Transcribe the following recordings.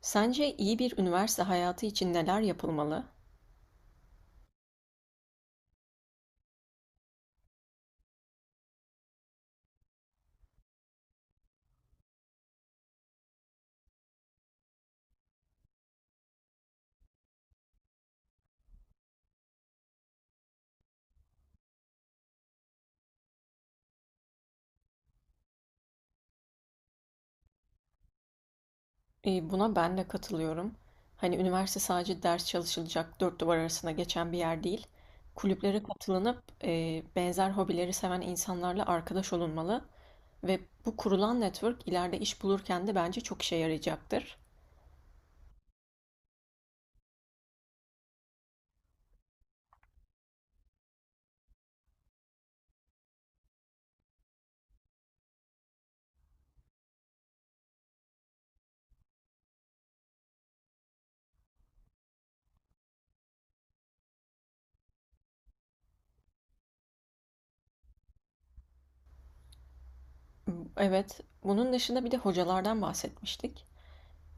Sence iyi bir üniversite hayatı için neler yapılmalı? Buna ben de katılıyorum. Hani üniversite sadece ders çalışılacak dört duvar arasında geçen bir yer değil. Kulüplere katılınıp benzer hobileri seven insanlarla arkadaş olunmalı ve bu kurulan network ileride iş bulurken de bence çok işe yarayacaktır. Evet, bunun dışında bir de hocalardan bahsetmiştik.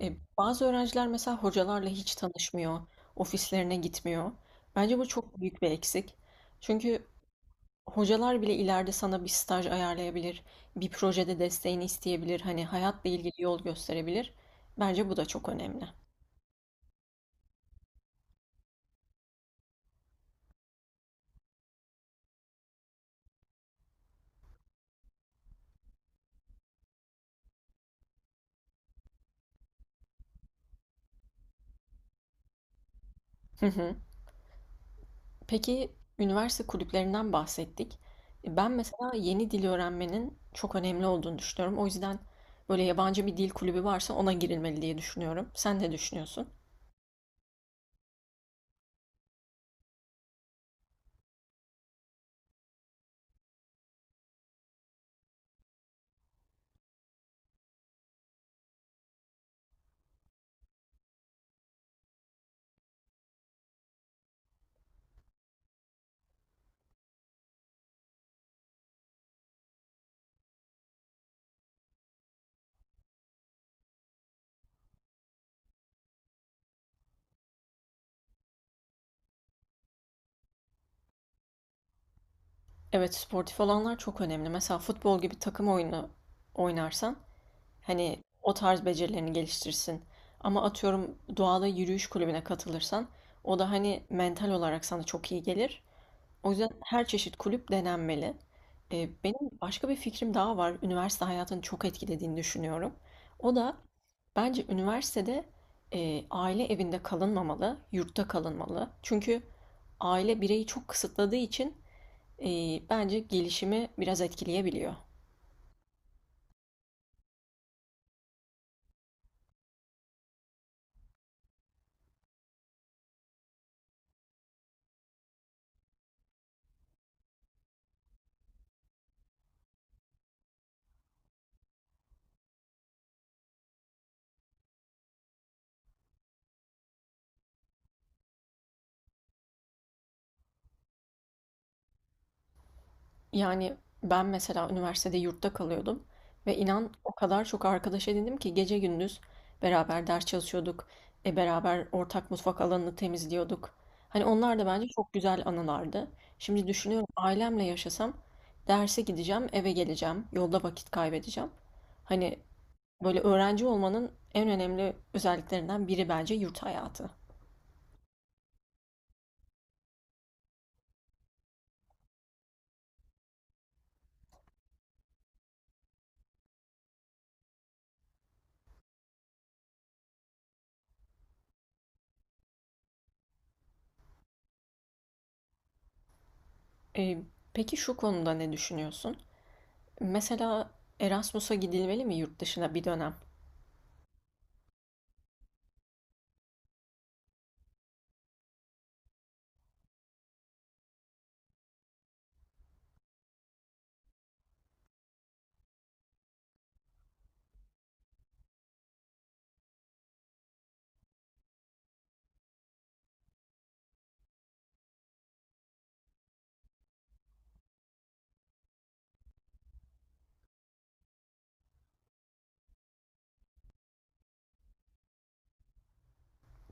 Bazı öğrenciler mesela hocalarla hiç tanışmıyor, ofislerine gitmiyor. Bence bu çok büyük bir eksik. Çünkü hocalar bile ileride sana bir staj ayarlayabilir, bir projede desteğini isteyebilir, hani hayatla ilgili yol gösterebilir. Bence bu da çok önemli. Hı hı. Peki, üniversite kulüplerinden bahsettik. Ben mesela yeni dil öğrenmenin çok önemli olduğunu düşünüyorum. O yüzden böyle yabancı bir dil kulübü varsa ona girilmeli diye düşünüyorum. Sen ne düşünüyorsun? Evet, sportif olanlar çok önemli. Mesela futbol gibi takım oyunu oynarsan hani o tarz becerilerini geliştirsin. Ama atıyorum doğada yürüyüş kulübüne katılırsan o da hani mental olarak sana çok iyi gelir. O yüzden her çeşit kulüp denenmeli. Benim başka bir fikrim daha var. Üniversite hayatını çok etkilediğini düşünüyorum. O da bence üniversitede aile evinde kalınmamalı, yurtta kalınmalı. Çünkü aile bireyi çok kısıtladığı için e, bence gelişimi biraz etkileyebiliyor. Yani, ben mesela üniversitede yurtta kalıyordum ve inan o kadar çok arkadaş edindim ki gece gündüz beraber ders çalışıyorduk, beraber ortak mutfak alanını temizliyorduk. Hani onlar da bence çok güzel anılardı. Şimdi düşünüyorum ailemle yaşasam derse gideceğim, eve geleceğim, yolda vakit kaybedeceğim. Hani böyle öğrenci olmanın en önemli özelliklerinden biri bence yurt hayatı. E, peki şu konuda ne düşünüyorsun? Mesela Erasmus'a gidilmeli mi yurt dışına bir dönem?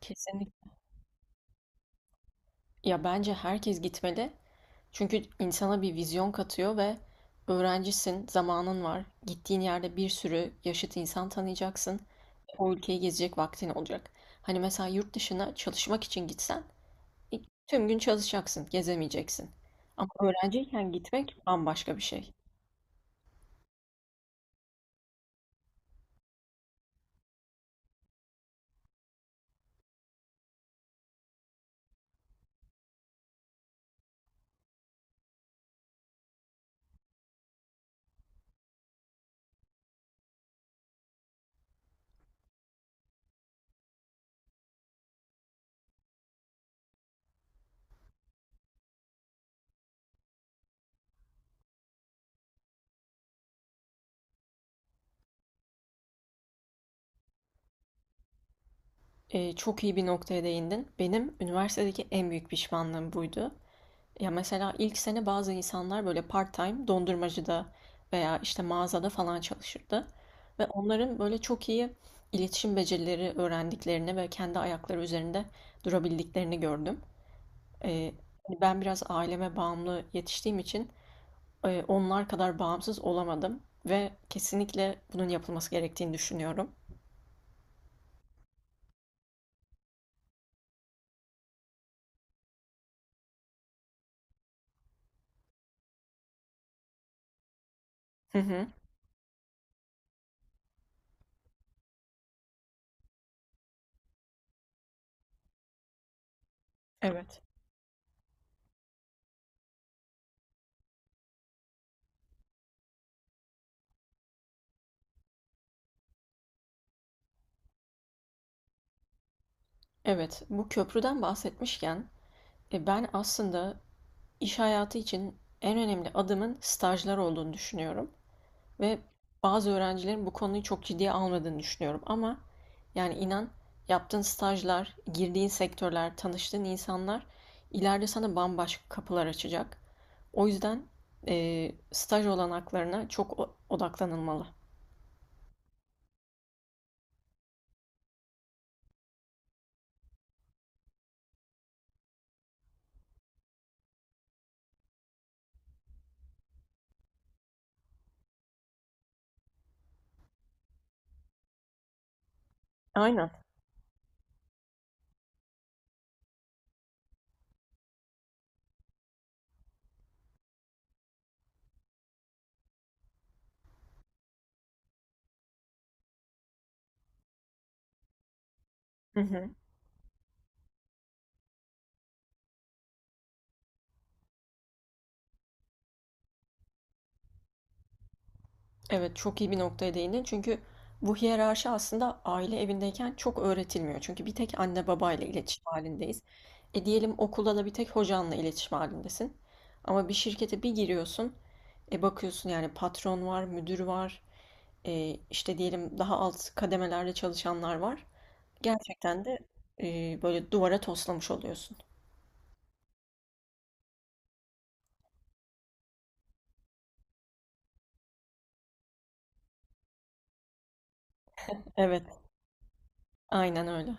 Kesinlikle. Ya bence herkes gitmeli. Çünkü insana bir vizyon katıyor ve öğrencisin, zamanın var. Gittiğin yerde bir sürü yaşıt insan tanıyacaksın. O ülkeyi gezecek vaktin olacak. Hani mesela yurt dışına çalışmak için gitsen e, tüm gün çalışacaksın, gezemeyeceksin. Ama öğrenciyken gitmek bambaşka bir şey. Çok iyi bir noktaya değindin. Benim üniversitedeki en büyük pişmanlığım buydu. Ya mesela ilk sene bazı insanlar böyle part-time dondurmacıda veya işte mağazada falan çalışırdı. Ve onların böyle çok iyi iletişim becerileri öğrendiklerini ve kendi ayakları üzerinde durabildiklerini gördüm. Ee, Hani ben biraz aileme bağımlı yetiştiğim için onlar kadar bağımsız olamadım ve kesinlikle bunun yapılması gerektiğini düşünüyorum. Hı hı. Evet. Evet, bu köprüden bahsetmişken ben aslında İş hayatı için en önemli adımın stajlar olduğunu düşünüyorum ve bazı öğrencilerin bu konuyu çok ciddiye almadığını düşünüyorum ama yani inan yaptığın stajlar, girdiğin sektörler, tanıştığın insanlar ileride sana bambaşka kapılar açacak. O yüzden staj olanaklarına çok odaklanılmalı. Aynen. Hı hı. Evet, çok iyi bir noktaya değindin. Çünkü bu hiyerarşi aslında aile evindeyken çok öğretilmiyor. Çünkü bir tek anne babayla iletişim halindeyiz. E diyelim okulda da bir tek hocanla iletişim halindesin. Ama bir şirkete bir giriyorsun, e bakıyorsun yani patron var, müdür var, e işte diyelim daha alt kademelerde çalışanlar var. Gerçekten de böyle duvara toslamış oluyorsun. Evet, aynen öyle.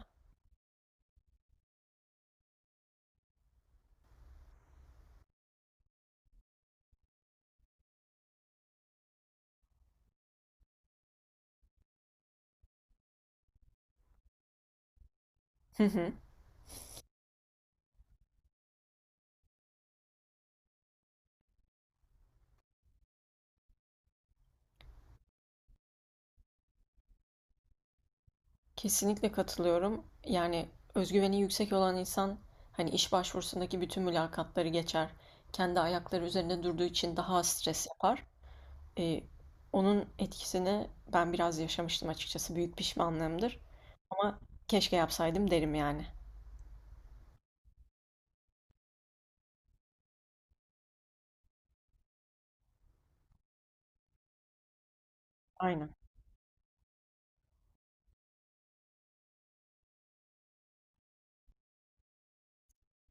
Kesinlikle katılıyorum. Yani özgüveni yüksek olan insan hani iş başvurusundaki bütün mülakatları geçer. Kendi ayakları üzerinde durduğu için daha az stres yapar. Ee, Onun etkisini ben biraz yaşamıştım açıkçası. Büyük pişmanlığımdır. Ama keşke yapsaydım derim yani. Aynen.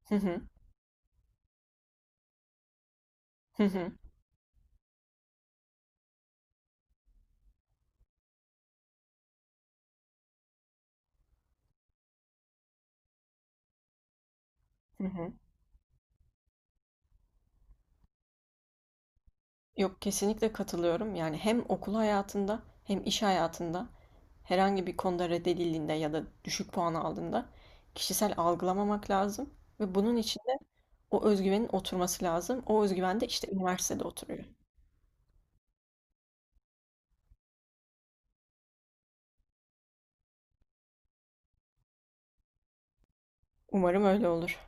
Hı hı. Hı hı. Hı hı. Yok, kesinlikle katılıyorum. Yani hem okul hayatında hem iş hayatında herhangi bir konuda reddedildiğinde ya da düşük puan aldığında kişisel algılamamak lazım ve bunun için de o özgüvenin oturması lazım. O özgüven de işte üniversitede oturuyor. Umarım öyle olur.